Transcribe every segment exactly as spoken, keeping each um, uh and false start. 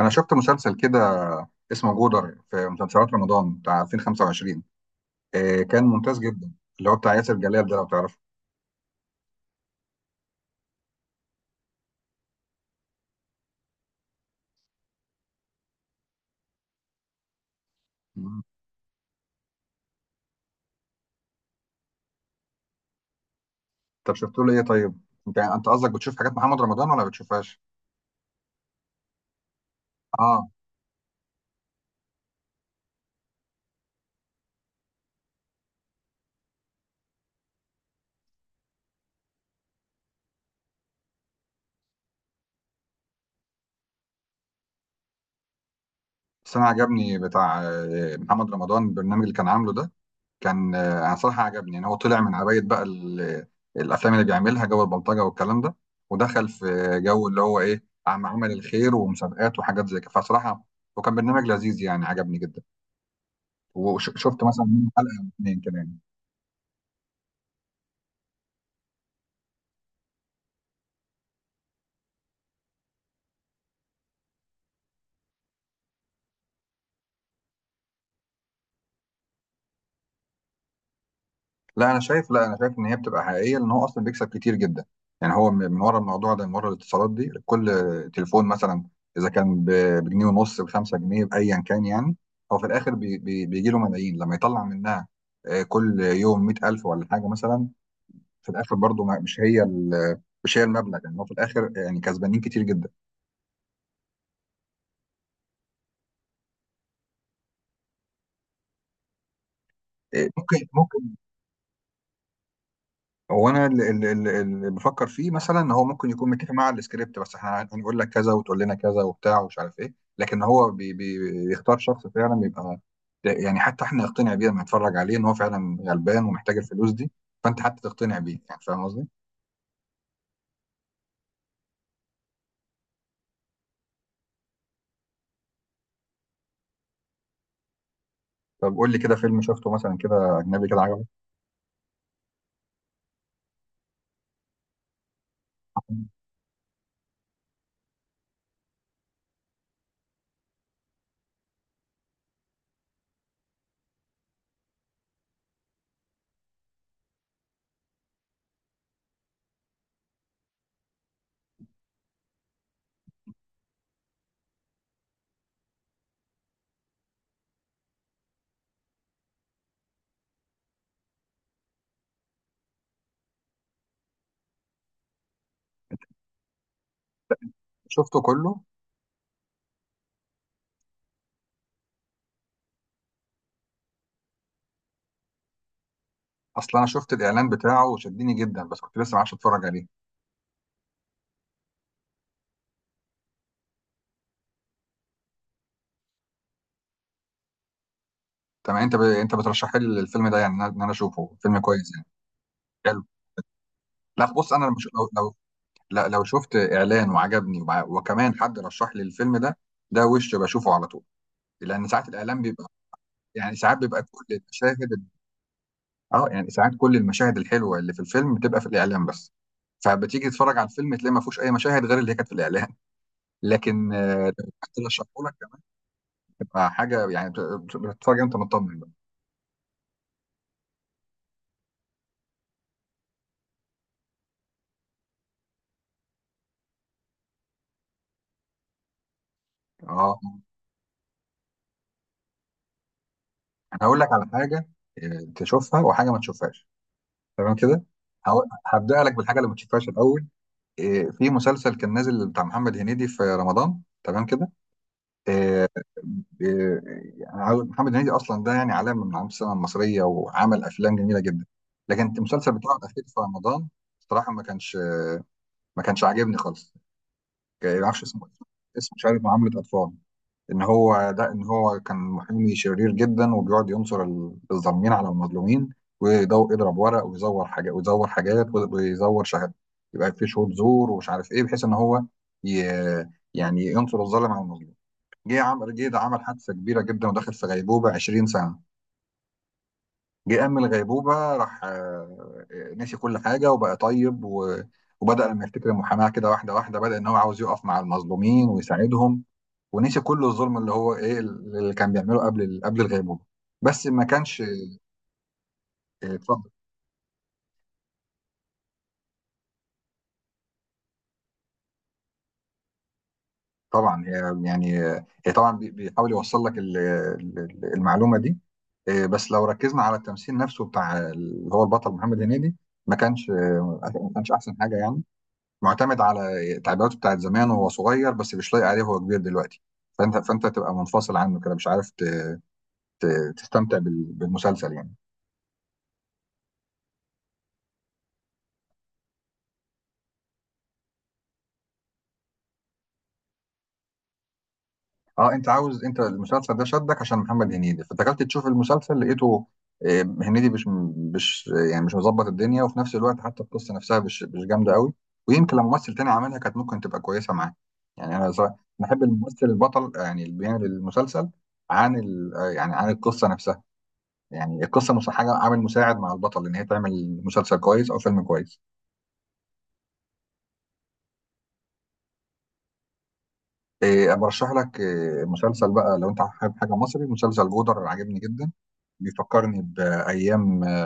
انا شفت مسلسل كده اسمه جودر في مسلسلات رمضان بتاع ألفين وخمسة وعشرين. إيه كان ممتاز جدا، اللي هو بتاع ياسر جلال ده لو تعرفه. مم. طب شفت له ايه طيب؟ انت يعني، انت قصدك بتشوف حاجات محمد رمضان ولا بتشوفهاش؟ اه، بس انا عجبني بتاع آه، محمد رمضان، البرنامج اللي كان عامله ده. كان آه، انا صراحه عجبني ان هو طلع من عبايه بقى ال- الافلام اللي بيعملها جو البلطجه والكلام ده، ودخل في جو اللي هو ايه عم عمل الخير ومسابقات وحاجات زي كده. فصراحه وكان برنامج لذيذ يعني، عجبني جدا، وشفت مثلا منه حلقه او اتنين كمان. لا انا شايف لا انا شايف ان هي بتبقى حقيقيه، لان هو اصلا بيكسب كتير جدا. يعني هو من من ورا الموضوع ده، من ورا الاتصالات دي، كل تليفون مثلا اذا كان ب- بجنيه ونص، بخمسة جنيه بايا كان يعني، هو في الاخر بي بي بيجي له ملايين لما يطلع منها. آه، كل يوم مئة ألف ولا حاجه مثلا. في الاخر برضه ما- مش هي ال- مش هي المبلغ، يعني هو في الاخر يعني كسبانين كتير جدا. آه، ممكن. هو انا اللي, اللي, اللي اللي بفكر فيه مثلا ان هو ممكن يكون متفق مع السكريبت، بس احنا هنقول لك كذا وتقول لنا كذا وبتاع ومش عارف ايه، لكن هو بي بي بيختار شخص فعلا بيبقى يعني حتى احنا نقتنع بيه لما نتفرج عليه ان هو فعلا غلبان ومحتاج الفلوس دي. فانت حتى تقتنع بيه، يعني فاهم قصدي؟ طب قول لي كده فيلم شفته مثلا كده اجنبي كده عجبك. شفته كله؟ اصلا انا شفت الاعلان بتاعه وشدني جدا، بس كنت لسه ما عرفش اتفرج عليه. تمام، انت ب... انت بترشح لي الفيلم ده يعني، ان انا إن أنا اشوفه فيلم كويس يعني. حلو. لا بص انا مش... لو... لو، لا لو شفت اعلان وعجبني وع- وكمان حد رشح لي الفيلم ده، ده وش بشوفه على طول. لان ساعات الاعلان بيبقى يعني ساعات بيبقى كل المشاهد ال- اه، يعني ساعات كل المشاهد الحلوه اللي في الفيلم بتبقى في الاعلان بس، فبتيجي تتفرج على الفيلم تلاقي ما فيهوش اي مشاهد غير اللي هي كانت في الاعلان. لكن آه، لو حد رشحه لك كمان تبقى حاجه يعني بت- بت- بتتفرج انت مطمن بقى. اه انا هقول لك على حاجه، آه، تشوفها وحاجه ما تشوفهاش، تمام كده. هقول- هبدأ لك بالحاجه اللي ما تشوفهاش الاول. إيه، في مسلسل كان نازل بتاع محمد هنيدي في رمضان تمام كده. إيه، إيه، يعني عاوز- محمد هنيدي اصلا ده يعني علامه من علامات السينما المصريه وعمل افلام جميله جدا، لكن المسلسل بتاعه الاخير في رمضان صراحه ما كانش ما كانش عاجبني خالص. ما اعرفش اسمه، اسمه مش عارف معامله اطفال. ان هو ده، ان هو كان محامي شرير جدا وبيقعد ينصر ال- الظالمين على المظلومين، ويدو يضرب ورق ويزور حاجات ويزور حاجات وي- ويزور شهادات، يبقى في شهود زور ومش عارف ايه، بحيث ان هو ي... يعني ينصر الظالم على المظلوم. جه عمل جه ده عمل حادثه كبيره جدا ودخل في غيبوبه عشرين سنه. جه قام من الغيبوبه، راح آه، نسي كل حاجه وبقى طيب و... وبدأ لما يفتكر المحاماة كده واحدة واحدة، بدأ إن هو عاوز يقف مع المظلومين ويساعدهم، ونسي كل الظلم اللي هو ايه اللي كان بيعمله قبل ال- قبل الغيبوبه. بس ما كانش، آه، اتفضل. طبعا هي يعني آه، هي طبعا بي- بيحاول يوصل لك ال- ال- المعلومه دي. إيه، بس لو ركزنا على التمثيل نفسه بتاع اللي هو البطل محمد هنيدي، ما كانش آه، ما كانش احسن حاجه يعني، معتمد على تعبيراته بتاعت زمان وهو صغير، بس مش لايق عليه وهو كبير دلوقتي. فانت فانت تبقى منفصل عنه كده، مش عارف ت- ت- تستمتع بال- بالمسلسل يعني. اه انت عاوز، انت المسلسل ده شدك عشان محمد هنيدي، فدخلت تشوف المسلسل لقيته آه، هنيدي مش مش يعني مش مظبط الدنيا، وفي نفس الوقت حتى القصه نفسها مش مش جامده قوي. ويمكن لو ممثل تاني عملها كانت ممكن تبقى كويسه معاه. يعني انا صراحة بحب الممثل البطل آه، يعني اللي بيعمل المسلسل عن ال... آه، يعني عن القصه نفسها. يعني القصه مش حاجه عامل مساعد مع البطل ان هي تعمل مسلسل كويس او فيلم كويس. آه، برشح لك آه، مسلسل بقى لو انت حابب حاجه مصري، مسلسل جودر عاجبني جدا، بيفكرني بايام آه،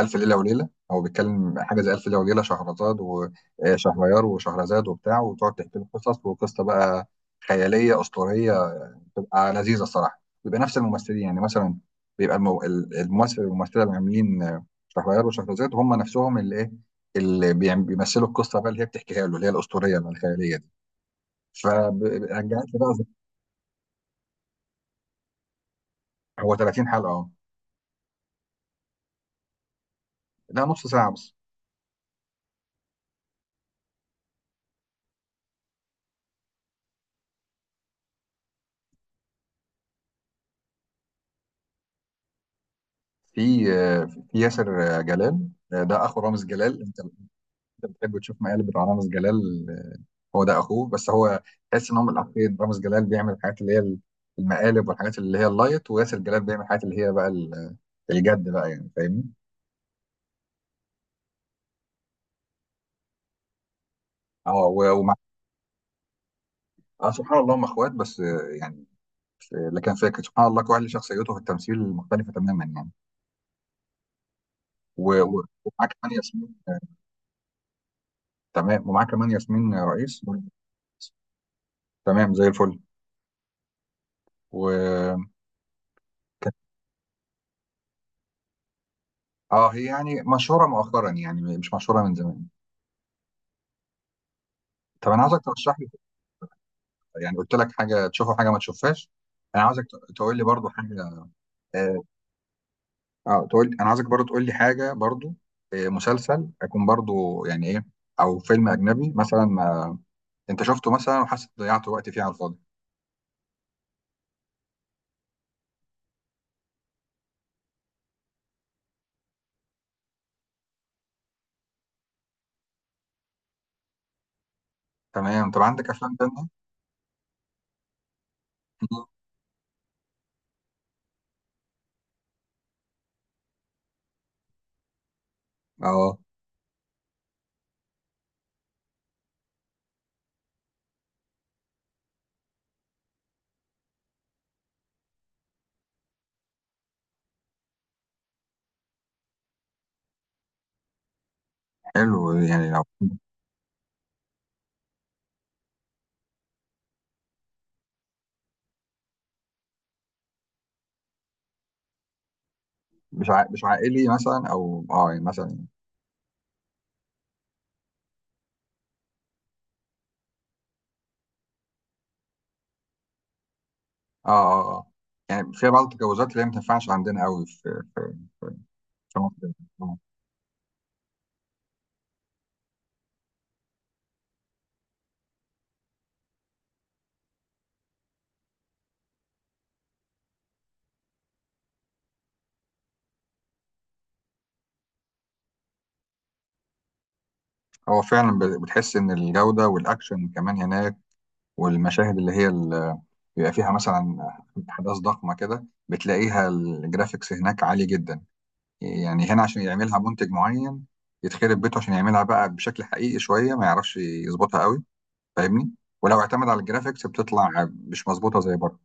ألف ليلة وليلة. هو بيتكلم حاجة زي ألف ليلة وليلة، شهرزاد وشهريار، وشهرزاد وبتاع وتقعد تحكي له قصص، وقصة بقى خيالية أسطورية بتبقى لذيذة الصراحة. بيبقى نفس الممثلين يعني، مثلا بيبقى المو- ال- الممثل والممثلة اللي عاملين آه، شهريار وشهرزاد هم نفسهم اللي إيه اللي بيعم- بيمثلوا القصة بقى اللي هي بتحكيها له، اللي هي الأسطورية اللي الخيالية دي. فرجعت لي بقى. هو تلاتين حلقة أه. لا نص ساعة بس. في آه، في ياسر آه، جلال آه، ده أخو رامز جلال. انت بتحب تشوف مقالب رامز جلال، هو ده اخوه، بس هو تحس ان هم الاخين، رامز جلال بيعمل الحاجات اللي هي المقالب والحاجات اللي هي اللايت، وياسر جلال بيعمل الحاجات اللي هي بقى ال- الجد بقى يعني، فاهمني. اه و- ومع، اه سبحان الله هم اخوات، بس آه، يعني آه، لكن فاكر سبحان الله كل واحد له شخصيته في التمثيل مختلفه تماما يعني. و- و- ومعاه كمان ياسمين، تمام، ومعاه كمان ياسمين رئيس. تمام زي الفل. و، اه هي يعني مشهوره مؤخرا يعني، مش مشهوره من زمان. طب انا عاوزك ترشح لي، يعني قلت لك حاجه تشوفها حاجه ما تشوفهاش. انا عاوزك ت- تقول لي برضو حاجه. اه آه، تقول، انا عاوزك برضو تقول لي حاجه برضو، آه، مسلسل اكون برضو يعني ايه، او فيلم اجنبي مثلا ما انت شفته مثلا وحاسس ضيعت وقت فيه على الفاضي. تمام، طب عندك افلام تانية؟ مم. اه حلو يعني لو مش ع... مش عائلي مثلا او اه يعني مثلا، اه اه اه يعني في بعض التجاوزات اللي هي ما تنفعش عندنا قوي في في في في مصر. آه. هو فعلا ب- بتحس ان الجوده والاكشن كمان هناك، والمشاهد اللي هي ال- بيبقى فيها مثلا احداث ضخمه كده، بتلاقيها الجرافيكس هناك عالي جدا. يعني هنا عشان يعملها منتج معين يتخرب بيته عشان يعملها بقى بشكل حقيقي شويه، ما يعرفش يظبطها قوي، فاهمني. ولو اعتمد على الجرافيكس بتطلع مش مظبوطه زي بره.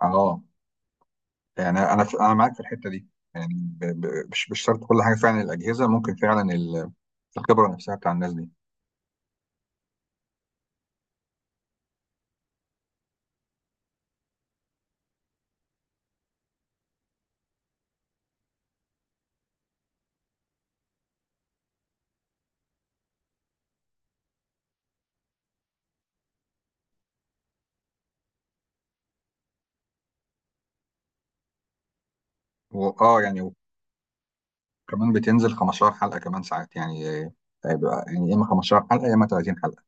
اه يعني انا انا معاك في الحته دي. يعني ب- ب- مش مش شرط كل حاجه فعلا الاجهزه، ممكن فعلا ال- الخبره نفسها بتاع الناس دي. واه يعني كمان بتنزل خمسة عشر حلقة كمان ساعات يعني آه، بيبقى يعني يا إما خمسة عشر حلقة يا إما ثلاثين حلقة.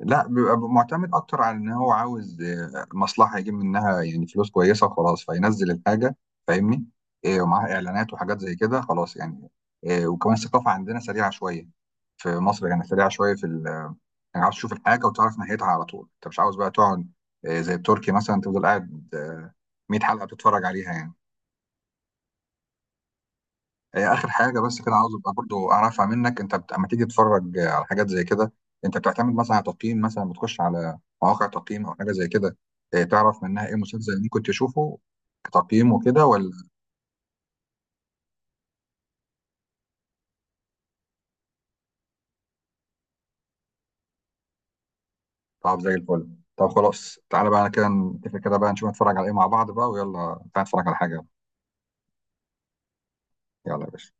لا بيبقى معتمد أكتر على إن هو عاوز آه، مصلحة يجيب منها يعني فلوس كويسة وخلاص، فينزل الحاجة فاهمني. آه، ومعاها إعلانات وحاجات زي كده خلاص يعني. آه، وكمان الثقافة عندنا سريعة شوية في مصر يعني، سريعة شوية في ال... يعني عاوز تشوف الحاجة وتعرف نهايتها على طول، أنت مش عاوز بقى تقعد آه، زي التركي مثلا تفضل قاعد آه، مية حلقة بتتفرج عليها يعني. هي اخر حاجه بس كده عاوز ابقى برضو اعرفها منك، انت بت- لما تيجي تتفرج آه، على حاجات زي كده انت بتعتمد مثلا على تقييم، مثلا بتخش على مواقع تقييم او حاجه زي كده، إيه، تعرف منها ايه مسلسل ممكن تشوفه كتقييم وكده ولا؟ طب زي الفل. طب خلاص تعالى بقى كده نتفق كده بقى نشوف نتفرج على ايه مع بعض بقى، ويلا تعالى نتفرج على حاجه. يلا يا باشا.